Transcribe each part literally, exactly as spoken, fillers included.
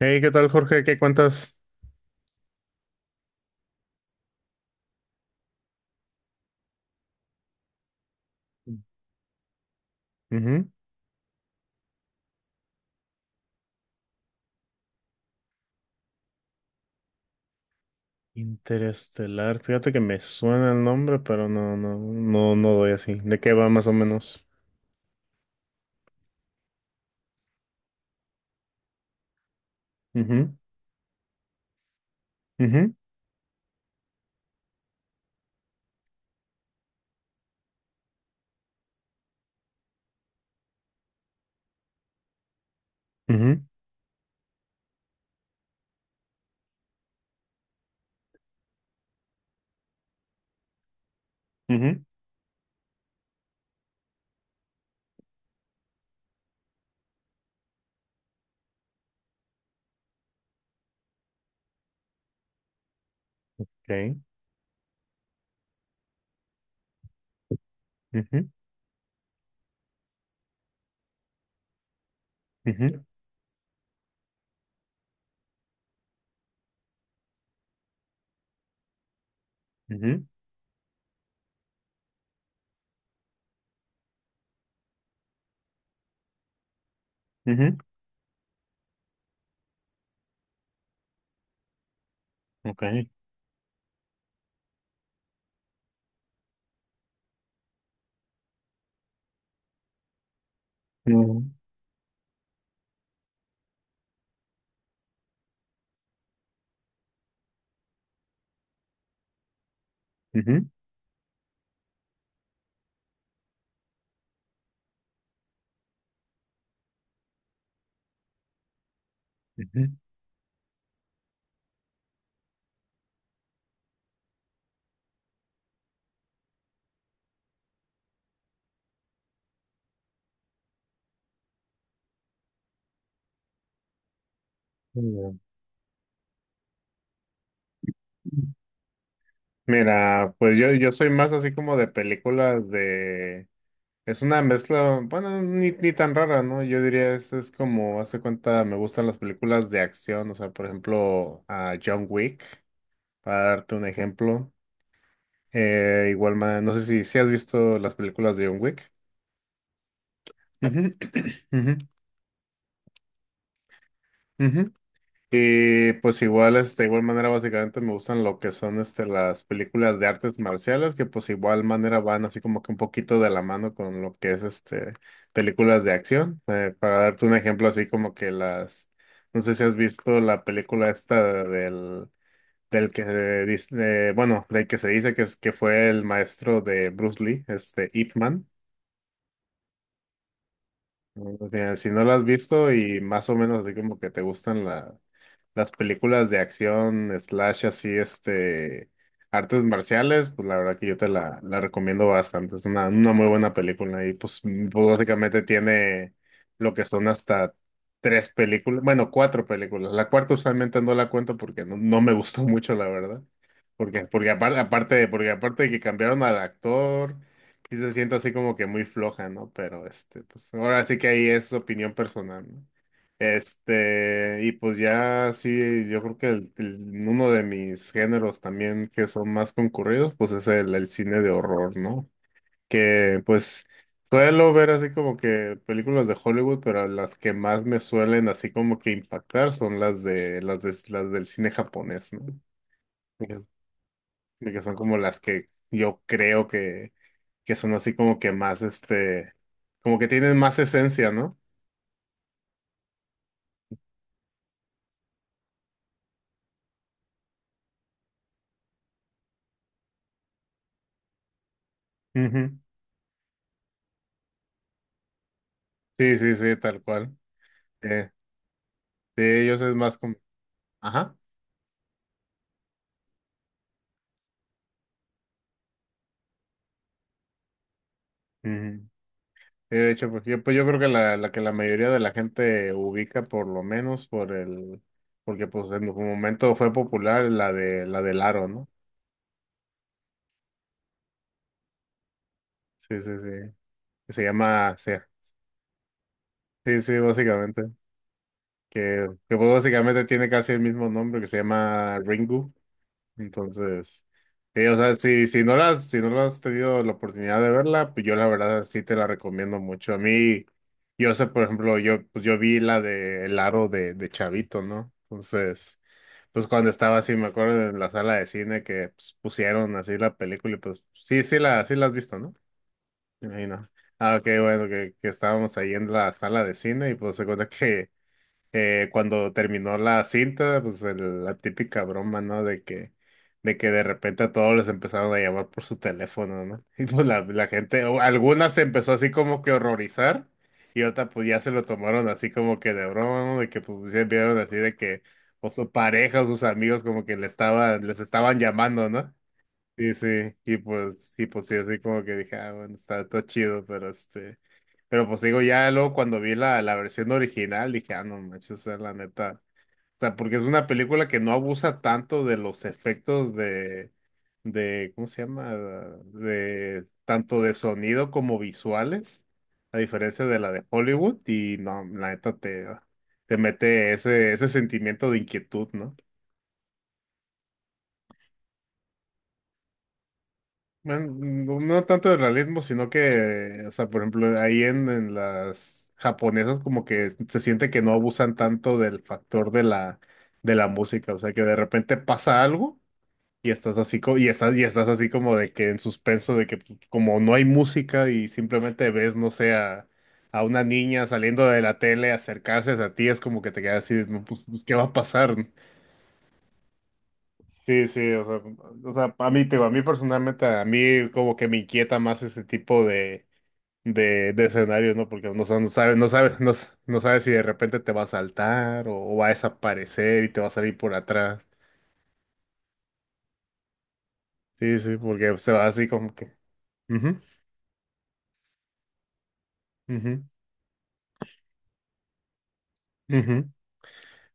Hey, ¿qué tal, Jorge? ¿Qué cuentas? Ujú. Interestelar. Fíjate que me suena el nombre, pero no, no, no, no doy así. ¿De qué va más o menos? Ujú, ujú, ujú, ujú. Okay. Ujú, ujú, ujú, ujú. Okay. Ujú, ujú, ujú. Muy bien. Mira, pues yo, yo soy más así como de películas de Es una mezcla, bueno, ni, ni tan rara, ¿no? Yo diría, es, es como, hace cuenta, me gustan las películas de acción, o sea, por ejemplo, a John Wick, para darte un ejemplo. Eh, igual, ma- no sé si, si has visto las películas de John Wick. Ujú, ujú, ujú. Y pues igual, este, de igual manera, básicamente me gustan lo que son este, las películas de artes marciales, que pues igual manera van así como que un poquito de la mano con lo que es este películas de acción. Eh, para darte un ejemplo, así como que las, no sé si has visto la película esta del, del que dice, eh, bueno, del que se dice que es que fue el maestro de Bruce Lee, este Ip Man. O sea, si no lo has visto y más o menos así como que te gustan la, las películas de acción, slash así, este, artes marciales, pues la verdad que yo te la, la recomiendo bastante. Es una, una muy buena película y pues, mm, pues, básicamente tiene lo que son hasta tres películas, bueno, cuatro películas. La cuarta usualmente no la cuento porque no, no me gustó mucho, la verdad. Porque, porque aparte, aparte, porque aparte de que cambiaron al actor. Sí se siente así como que muy floja, ¿no? Pero este, pues ahora sí que ahí es opinión personal, ¿no? Este, y pues ya sí, yo creo que el- el- uno de mis géneros también que son más concurridos, pues es el, el cine de horror, ¿no? Que pues suelo ver así como que películas de Hollywood, pero las que más me suelen así como que impactar son las de las de las del cine japonés, ¿no? De que son como las que yo creo que, que son así como que más, este, como que tienen más esencia, ¿no? Ujú. Sí, sí, sí, tal cual. Eh, de ellos es más como, ajá. Ujú. Sí, de hecho, pues yo, pues yo creo que la, la que la mayoría de la gente ubica por lo menos por el, porque pues en un momento fue popular la de la del aro, ¿no? Sí, sí, sí. Que se llama, sí, sí, sí, básicamente. Que, que pues básicamente tiene casi el mismo nombre que se llama Ringu. Entonces, sí, o sea, si, si no las, si no la has tenido la oportunidad de verla, pues yo la verdad sí te la recomiendo mucho. A mí, yo sé, por ejemplo, yo, pues yo vi la de El Aro de, de Chavito, ¿no? Entonces, pues cuando estaba así, me acuerdo en la sala de cine que pues, pusieron así la película y pues sí, sí la, sí la has visto, ¿no? Me imagino. Ah, ok, bueno, que, que estábamos ahí en la sala de cine y pues se cuenta que eh, cuando terminó la cinta, pues el- la típica broma, ¿no? De que, de que de repente a todos les empezaron a llamar por su teléfono, ¿no? Y pues la, la gente, o algunas se empezó así como que a horrorizar y otras pues ya se lo tomaron así como que de broma, ¿no? De que pues se vieron así de que o su pareja o sus amigos como que le estaban, les estaban llamando, ¿no? Sí, sí, y pues, sí, pues sí, así como que dije, ah, bueno, está todo chido, pero este, pero pues digo, ya luego cuando vi la, la versión original, dije, ah, no manches, o sea, la neta, o sea, porque es una película que no abusa tanto de los efectos de, de, ¿cómo se llama? De, tanto de sonido como visuales, a diferencia de la de Hollywood, y no, la neta te, te mete ese, ese sentimiento de inquietud, ¿no? Bueno, no, no tanto de realismo, sino que, o sea, por ejemplo, ahí en, en, las japonesas como que s- se siente que no abusan tanto del factor de la, de la música, o sea, que de repente pasa algo y estás así, co- y estás, y estás así como de que en suspenso, de que pues, como no hay música y simplemente ves, no sé, a, a una niña saliendo de la tele acercarse a ti, es como que te quedas así, no, pues, pues, ¿qué va a pasar? Sí, sí, o sea, o sea, a mí, te digo, a mí personalmente, a mí como que me inquieta más ese tipo de, de, de escenarios, ¿no? Porque no, sa- no sabes, no sabes, no, s- no sabes si de repente te va a saltar o, o va a desaparecer y te va a salir por atrás. Sí, sí, porque se va así como que. Ujú, ujú, ujú.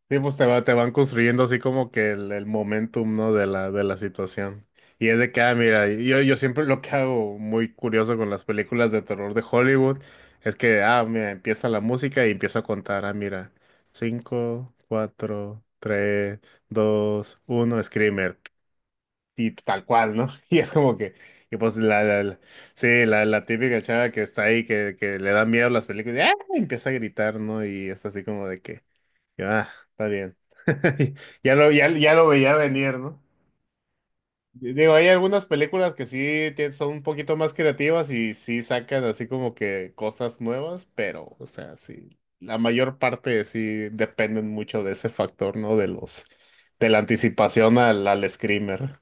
Sí, pues te va, te van construyendo así como que el, el momentum, ¿no? De la, de la situación. Y es de que, ah, mira, yo, yo siempre lo que hago muy curioso con las películas de terror de Hollywood es que, ah, mira, empieza la música y empiezo a contar, ah, mira, cinco, cuatro, tres, dos, uno, Screamer. Y tal cual, ¿no? Y es como que, y pues la, la- la- sí, la, la típica chava que está ahí, que, que le da miedo las películas, y, ah, empieza a gritar, ¿no? Y es así como de que... Ah, está bien. Ya lo, ya, ya lo veía venir, ¿no? Digo, hay algunas películas que sí tien- son un poquito más creativas y sí sacan así como que cosas nuevas, pero, o sea, sí, la mayor parte sí dependen mucho de ese factor, ¿no? De los, de la anticipación al, al screamer.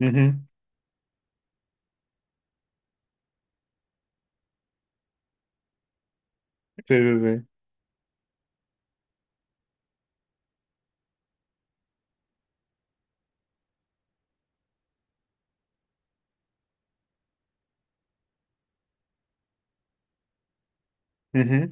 Ujú. Sí, sí, sí. Ujú,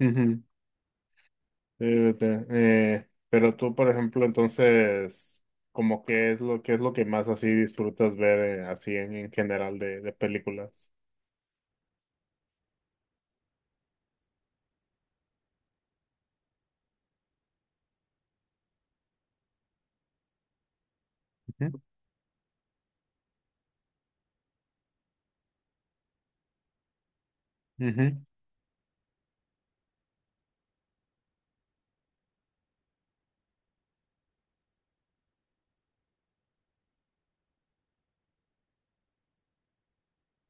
ujú. Fíjate, eh, pero tú, por ejemplo, entonces, ¿como qué es lo, qué es lo que más así disfrutas ver eh, así en, en general de, de películas? Ujú, ujú,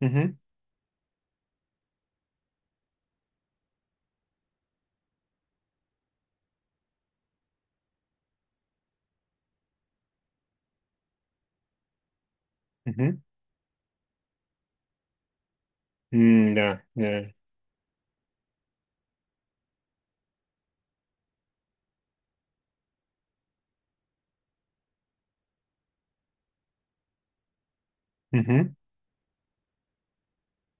ujú, ujú. Mm, ya, ya. Ujú.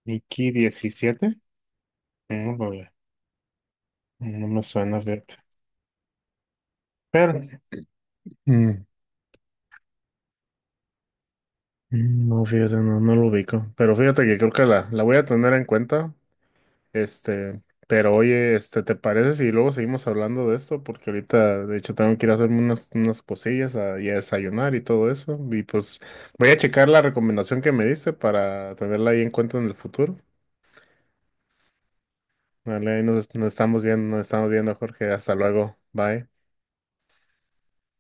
Mickey diecisiete. No, vale, no me suena, fíjate. Pero, mm, mm, no, fíjate, no, no lo ubico. Pero fíjate que creo que la, la voy a tener en cuenta. Este, pero oye, este, ¿te parece si luego seguimos hablando de esto? Porque ahorita, de hecho, tengo que ir a hacerme unas, unas cosillas a, y a desayunar y todo eso. Y pues voy a checar la recomendación que me diste para tenerla ahí en cuenta en el futuro. Vale, ahí nos, nos estamos viendo, nos estamos viendo, Jorge. Hasta luego. Bye.